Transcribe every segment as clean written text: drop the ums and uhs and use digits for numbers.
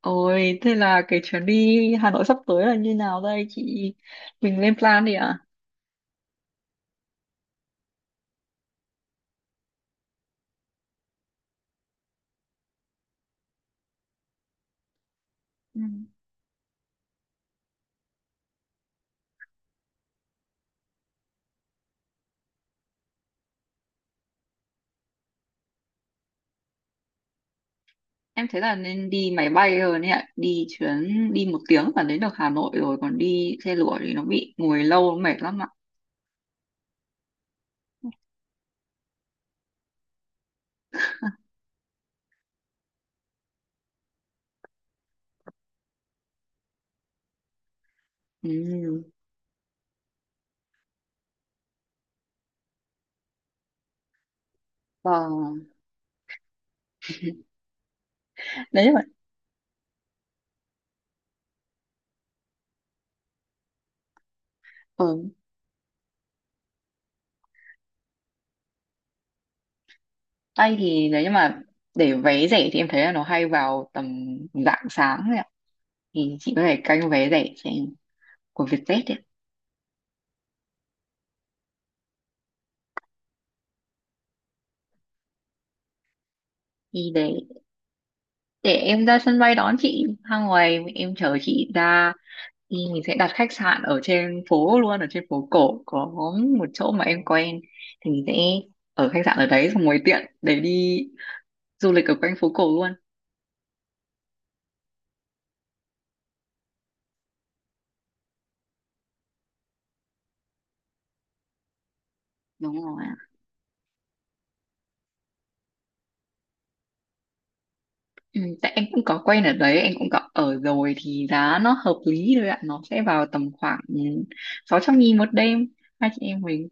Ôi, thế là cái chuyến đi Hà Nội sắp tới là như nào đây chị? Mình lên plan đi ạ. Ừ. Em thấy là nên đi máy bay rồi đấy ạ. Đi chuyến, đi 1 tiếng là đến được Hà Nội rồi. Còn đi xe lửa thì nó bị ngồi lâu, nó mệt lắm ạ. Ừ. Vâng. Đấy nhưng mà ở tay thì đấy nhưng mà để vé rẻ thì em thấy là nó hay vào tầm rạng sáng đấy ạ. Thì chị có thể canh vé rẻ cho em của Vietjet ấy. Đi để em ra sân bay đón chị, ra ngoài em chờ chị ra, thì mình sẽ đặt khách sạn ở trên phố luôn, ở trên phố cổ có một chỗ mà em quen, thì mình sẽ ở khách sạn ở đấy xong rồi tiện để đi du lịch ở quanh phố cổ luôn. Đúng rồi ạ. Ừ, tại em cũng có quen ở đấy, em cũng có ở rồi thì giá nó hợp lý thôi ạ, nó sẽ vào tầm khoảng 600.000 1 đêm hai chị em mình.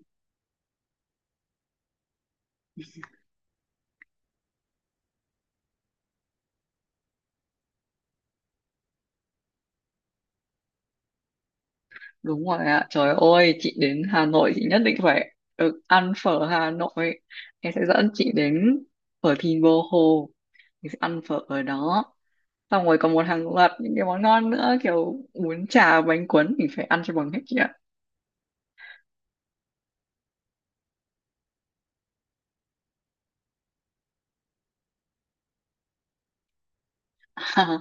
Đúng rồi ạ. Trời ơi, chị đến Hà Nội chị nhất định phải được ăn phở Hà Nội. Em sẽ dẫn chị đến phở Thìn Bờ Hồ. Chị sẽ ăn phở ở đó. Xong rồi còn một hàng loạt những cái món ngon nữa, kiểu bún chả, bánh cuốn, mình phải ăn cho bằng hết chị ạ.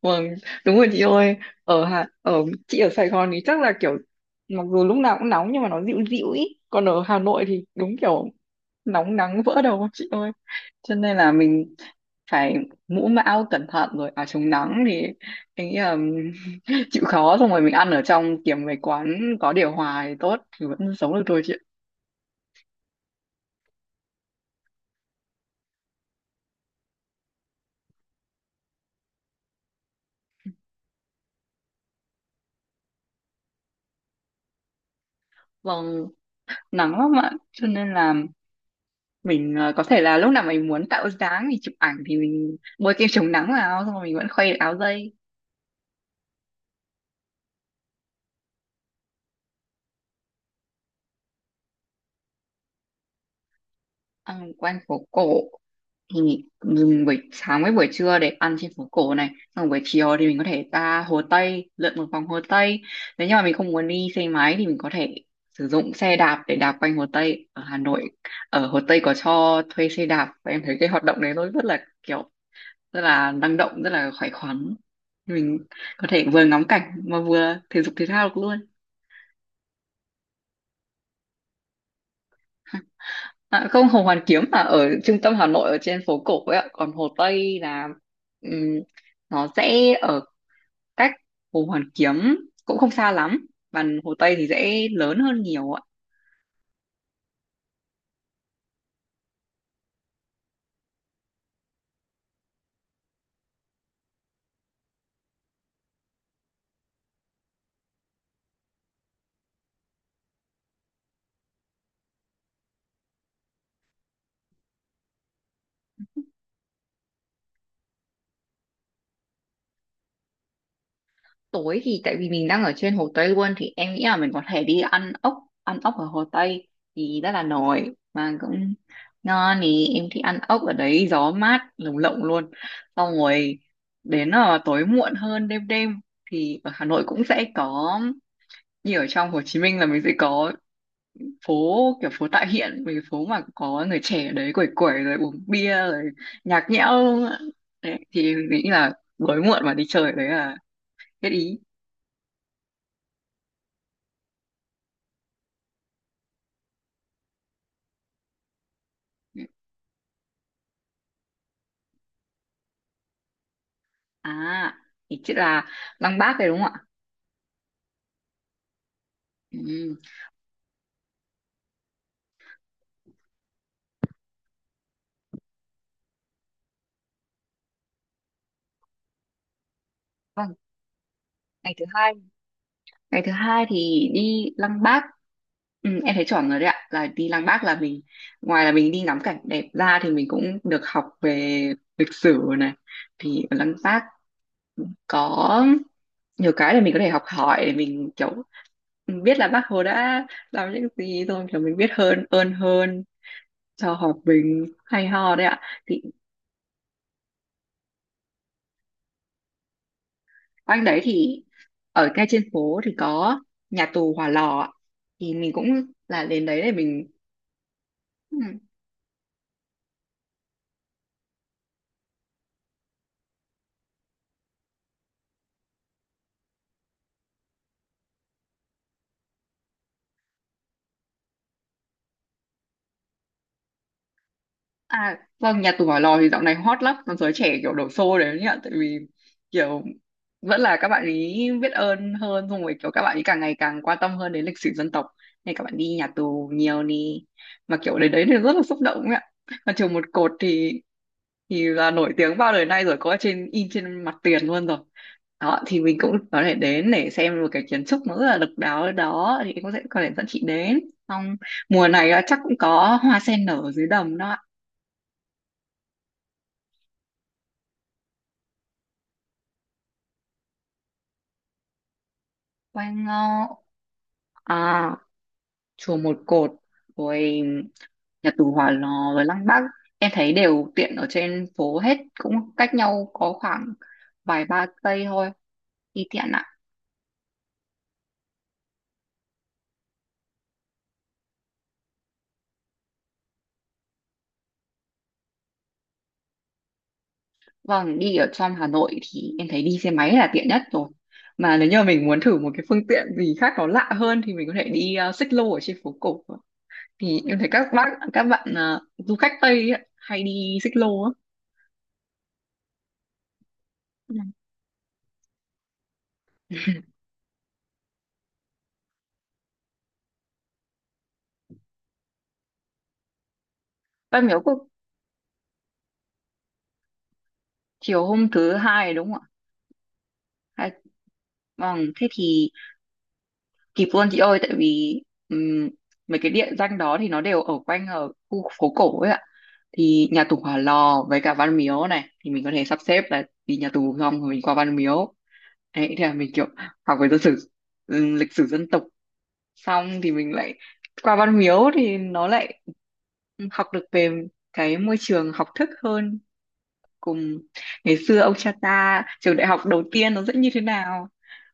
Vâng, đúng rồi chị ơi. Ở Hà ở chị ở Sài Gòn thì chắc là kiểu mặc dù lúc nào cũng nóng nhưng mà nó dịu dịu ý. Còn ở Hà Nội thì đúng kiểu nóng nắng vỡ đầu chị ơi. Cho nên là mình phải mũ mão cẩn thận rồi áo chống nắng, thì anh nghĩ là chịu khó, xong rồi mình ăn ở trong, kiếm mấy quán có điều hòa thì tốt, thì vẫn sống được thôi chị ạ. Vâng, nắng lắm ạ, cho nên là mình có thể là lúc nào mình muốn tạo dáng thì chụp ảnh, thì mình bôi kem chống nắng vào, xong rồi mình vẫn khuây được áo dây. Ăn quanh phố cổ thì mình buổi sáng với buổi trưa để ăn trên phố cổ này, xong rồi buổi chiều thì mình có thể ra Hồ Tây lượn một vòng Hồ Tây. Nếu như mà mình không muốn đi xe máy thì mình có thể sử dụng xe đạp để đạp quanh Hồ Tây ở Hà Nội. Ở Hồ Tây có cho thuê xe đạp, và em thấy cái hoạt động đấy nó rất là kiểu rất là năng động, rất là khỏe khoắn, mình có thể vừa ngắm cảnh mà vừa thể dục thể thao được luôn. À, không, Hồ Hoàn Kiếm là ở trung tâm Hà Nội, ở trên phố cổ ấy ạ, còn Hồ Tây là ừm, nó sẽ ở cách Hồ Hoàn Kiếm cũng không xa lắm, và Hồ Tây thì dễ lớn hơn nhiều ạ. Tối thì tại vì mình đang ở trên Hồ Tây luôn thì em nghĩ là mình có thể đi ăn ốc ở Hồ Tây thì rất là nổi mà cũng ngon, thì em thích ăn ốc ở đấy, gió mát lồng lộng luôn. Xong rồi đến là tối muộn hơn, đêm đêm thì ở Hà Nội cũng sẽ có như ở trong Hồ Chí Minh là mình sẽ có phố, kiểu phố tại hiện mấy cái phố mà có người trẻ ở đấy quẩy quẩy rồi uống bia rồi nhạc nhẽo luôn ạ. Đấy, thì mình nghĩ là tối muộn mà đi chơi đấy là hết ý. À, thì chứ là Lăng Bác đấy đúng không ạ? Ừ. Vâng. Ngày thứ hai ngày thứ hai thì đi Lăng Bác. Ừ, em thấy chuẩn rồi đấy ạ, là đi Lăng Bác là mình ngoài là mình đi ngắm cảnh đẹp ra thì mình cũng được học về lịch sử này, thì ở Lăng Bác có nhiều cái là mình có thể học hỏi để mình kiểu biết là bác Hồ đã làm những gì, rồi kiểu mình biết hơn cho hòa bình, hay ho đấy ạ. Thì quanh đấy thì ở ngay trên phố thì có nhà tù Hỏa Lò ạ. Thì mình cũng là đến đấy để mình. ừ, À, vâng, nhà tù Hỏa Lò thì dạo này hot lắm, còn giới trẻ kiểu đổ xô đấy nhá, tại vì kiểu vẫn là các bạn ấy biết ơn hơn, xong rồi kiểu các bạn ấy càng ngày càng quan tâm hơn đến lịch sử dân tộc, nên các bạn đi nhà tù nhiều đi, mà kiểu đến đấy thì rất là xúc động ấy ạ. Mà trường một cột thì là nổi tiếng bao đời nay rồi, có trên in trên mặt tiền luôn rồi. Đó, thì mình cũng có thể đến để xem một cái kiến trúc nó rất là độc đáo ở đó, thì cũng sẽ có thể dẫn chị đến. Xong mùa này là chắc cũng có hoa sen nở dưới đầm đó ạ. Quay ngó à Chùa Một Cột rồi nhà tù Hỏa Lò rồi Lăng Bác, em thấy đều tiện ở trên phố hết, cũng cách nhau có khoảng vài ba cây thôi, đi tiện ạ. Vâng, đi ở trong Hà Nội thì em thấy đi xe máy là tiện nhất rồi, mà nếu như mình muốn thử một cái phương tiện gì khác nó lạ hơn thì mình có thể đi xích lô ở trên phố cổ, thì em thấy các bạn du khách Tây ấy hay đi xích lô á. Văn miếu quốc Chiều hôm thứ hai đúng không ạ? Hai- Vâng, thế thì kịp luôn chị ơi, tại vì ừm, mấy cái địa danh đó thì nó đều ở quanh, ở khu phố cổ ấy ạ, thì nhà tù Hỏa Lò với cả Văn Miếu này thì mình có thể sắp xếp là đi nhà tù xong rồi mình qua Văn Miếu. Đấy thì là mình kiểu học về dân sử lịch sử dân tộc, xong thì mình lại qua Văn Miếu thì nó lại học được về cái môi trường học thức hơn, cùng ngày xưa ông cha ta trường đại học đầu tiên nó sẽ như thế nào.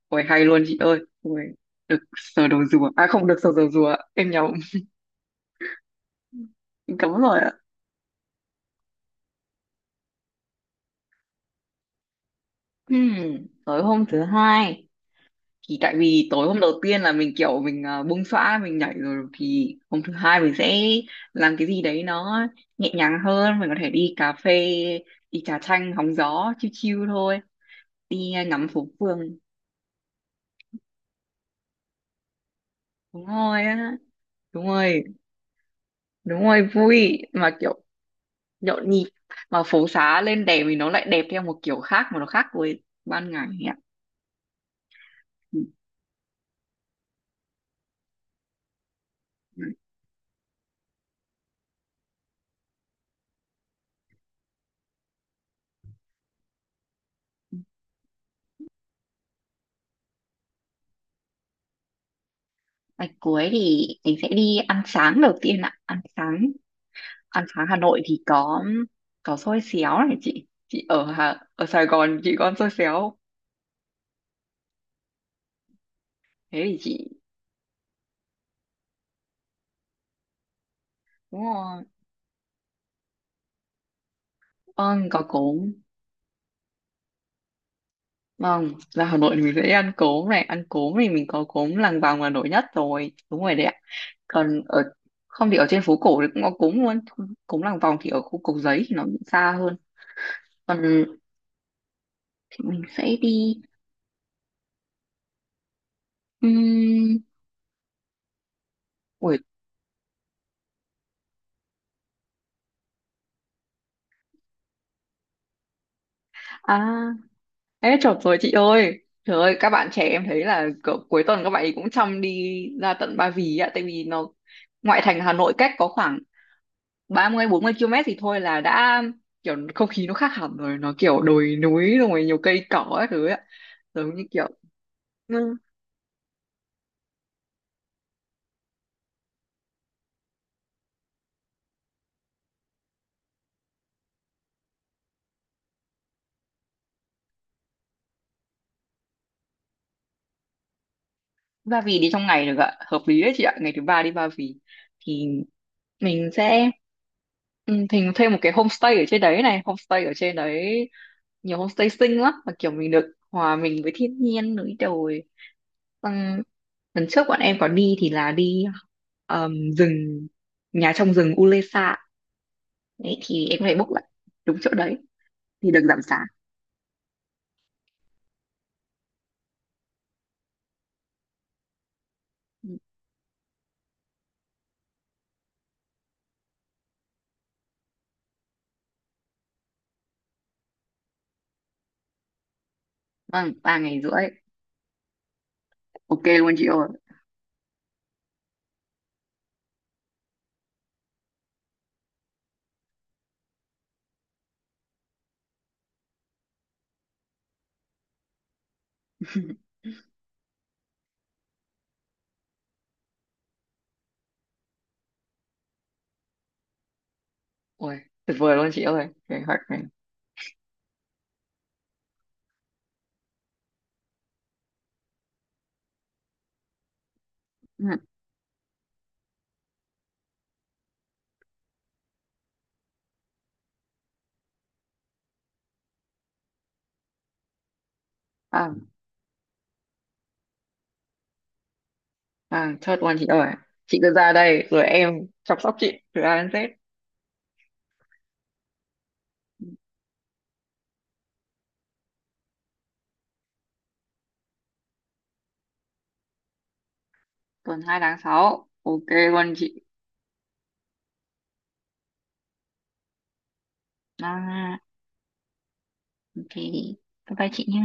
Ôi hay luôn chị ơi. Ôi, được sờ đầu rùa. À không, được sờ đầu rùa. Em nhầm. Em Cấm rồi ạ. Ừm, Tối hôm thứ hai thì tại vì tối hôm đầu tiên là mình kiểu mình bung xõa mình nhảy rồi, thì hôm thứ hai mình sẽ làm cái gì đấy nó nhẹ nhàng hơn, mình có thể đi cà phê, đi trà chanh hóng gió chill chill thôi, đi ngắm phố phường. Đúng rồi á. Đúng rồi, đúng rồi, vui mà kiểu nhộn nhịp, mà phố xá lên đèn thì nó lại đẹp theo một kiểu khác, mà nó khác với ban ngày ấy ạ. Ừ. Ngày cuối thì mình sẽ đi ăn sáng đầu tiên ạ, ăn sáng Hà Nội thì có xôi xéo này, chị ở Sài Gòn chị có ăn xôi xéo không? Thế thì chị đúng rồi vâng có Vâng, ra Hà Nội thì mình sẽ ăn cốm này, ăn cốm thì mình có cốm Làng Vòng là nổi nhất rồi, đúng rồi đấy ạ. Còn ở không thì ở trên phố cổ thì cũng có cốm luôn, cốm Làng Vòng thì ở khu Cốc Giấy thì nó bị xa hơn. Còn thì mình sẽ đi um... Ui, à, ê chợt rồi chị ơi. Trời ơi, các bạn trẻ em thấy là cỡ cuối tuần các bạn ấy cũng chăm đi ra tận Ba Vì ạ, tại vì nó ngoại thành Hà Nội cách có khoảng 30 40 km thì thôi là đã kiểu không khí nó khác hẳn rồi, nó kiểu đồi núi rồi nhiều cây cỏ các thứ ấy ạ, giống như kiểu. Ừ, Ba Vì đi trong ngày được ạ, hợp lý đấy chị ạ, ngày thứ ba đi Ba Vì thì mình sẽ mình thuê một cái homestay ở trên đấy này, homestay ở trên đấy nhiều homestay xinh lắm mà kiểu mình được hòa mình với thiên nhiên núi đồi. Xong lần trước bọn em có đi thì là đi ờm, rừng nhà trong rừng Ulesa, đấy thì em có thể book lại đúng chỗ đấy thì được giảm giá. Vâng, 3 ngày rưỡi. Ok luôn chị ơi. Ui, tuyệt vời luôn chị ơi kế hoạch này. Ừ, à, chốt luôn chị ơi, chị cứ ra đây rồi em chăm sóc chị từ A đến Z. Tuần 2 tháng 6 ok luôn chị. à, ok, bye bye chị nhé.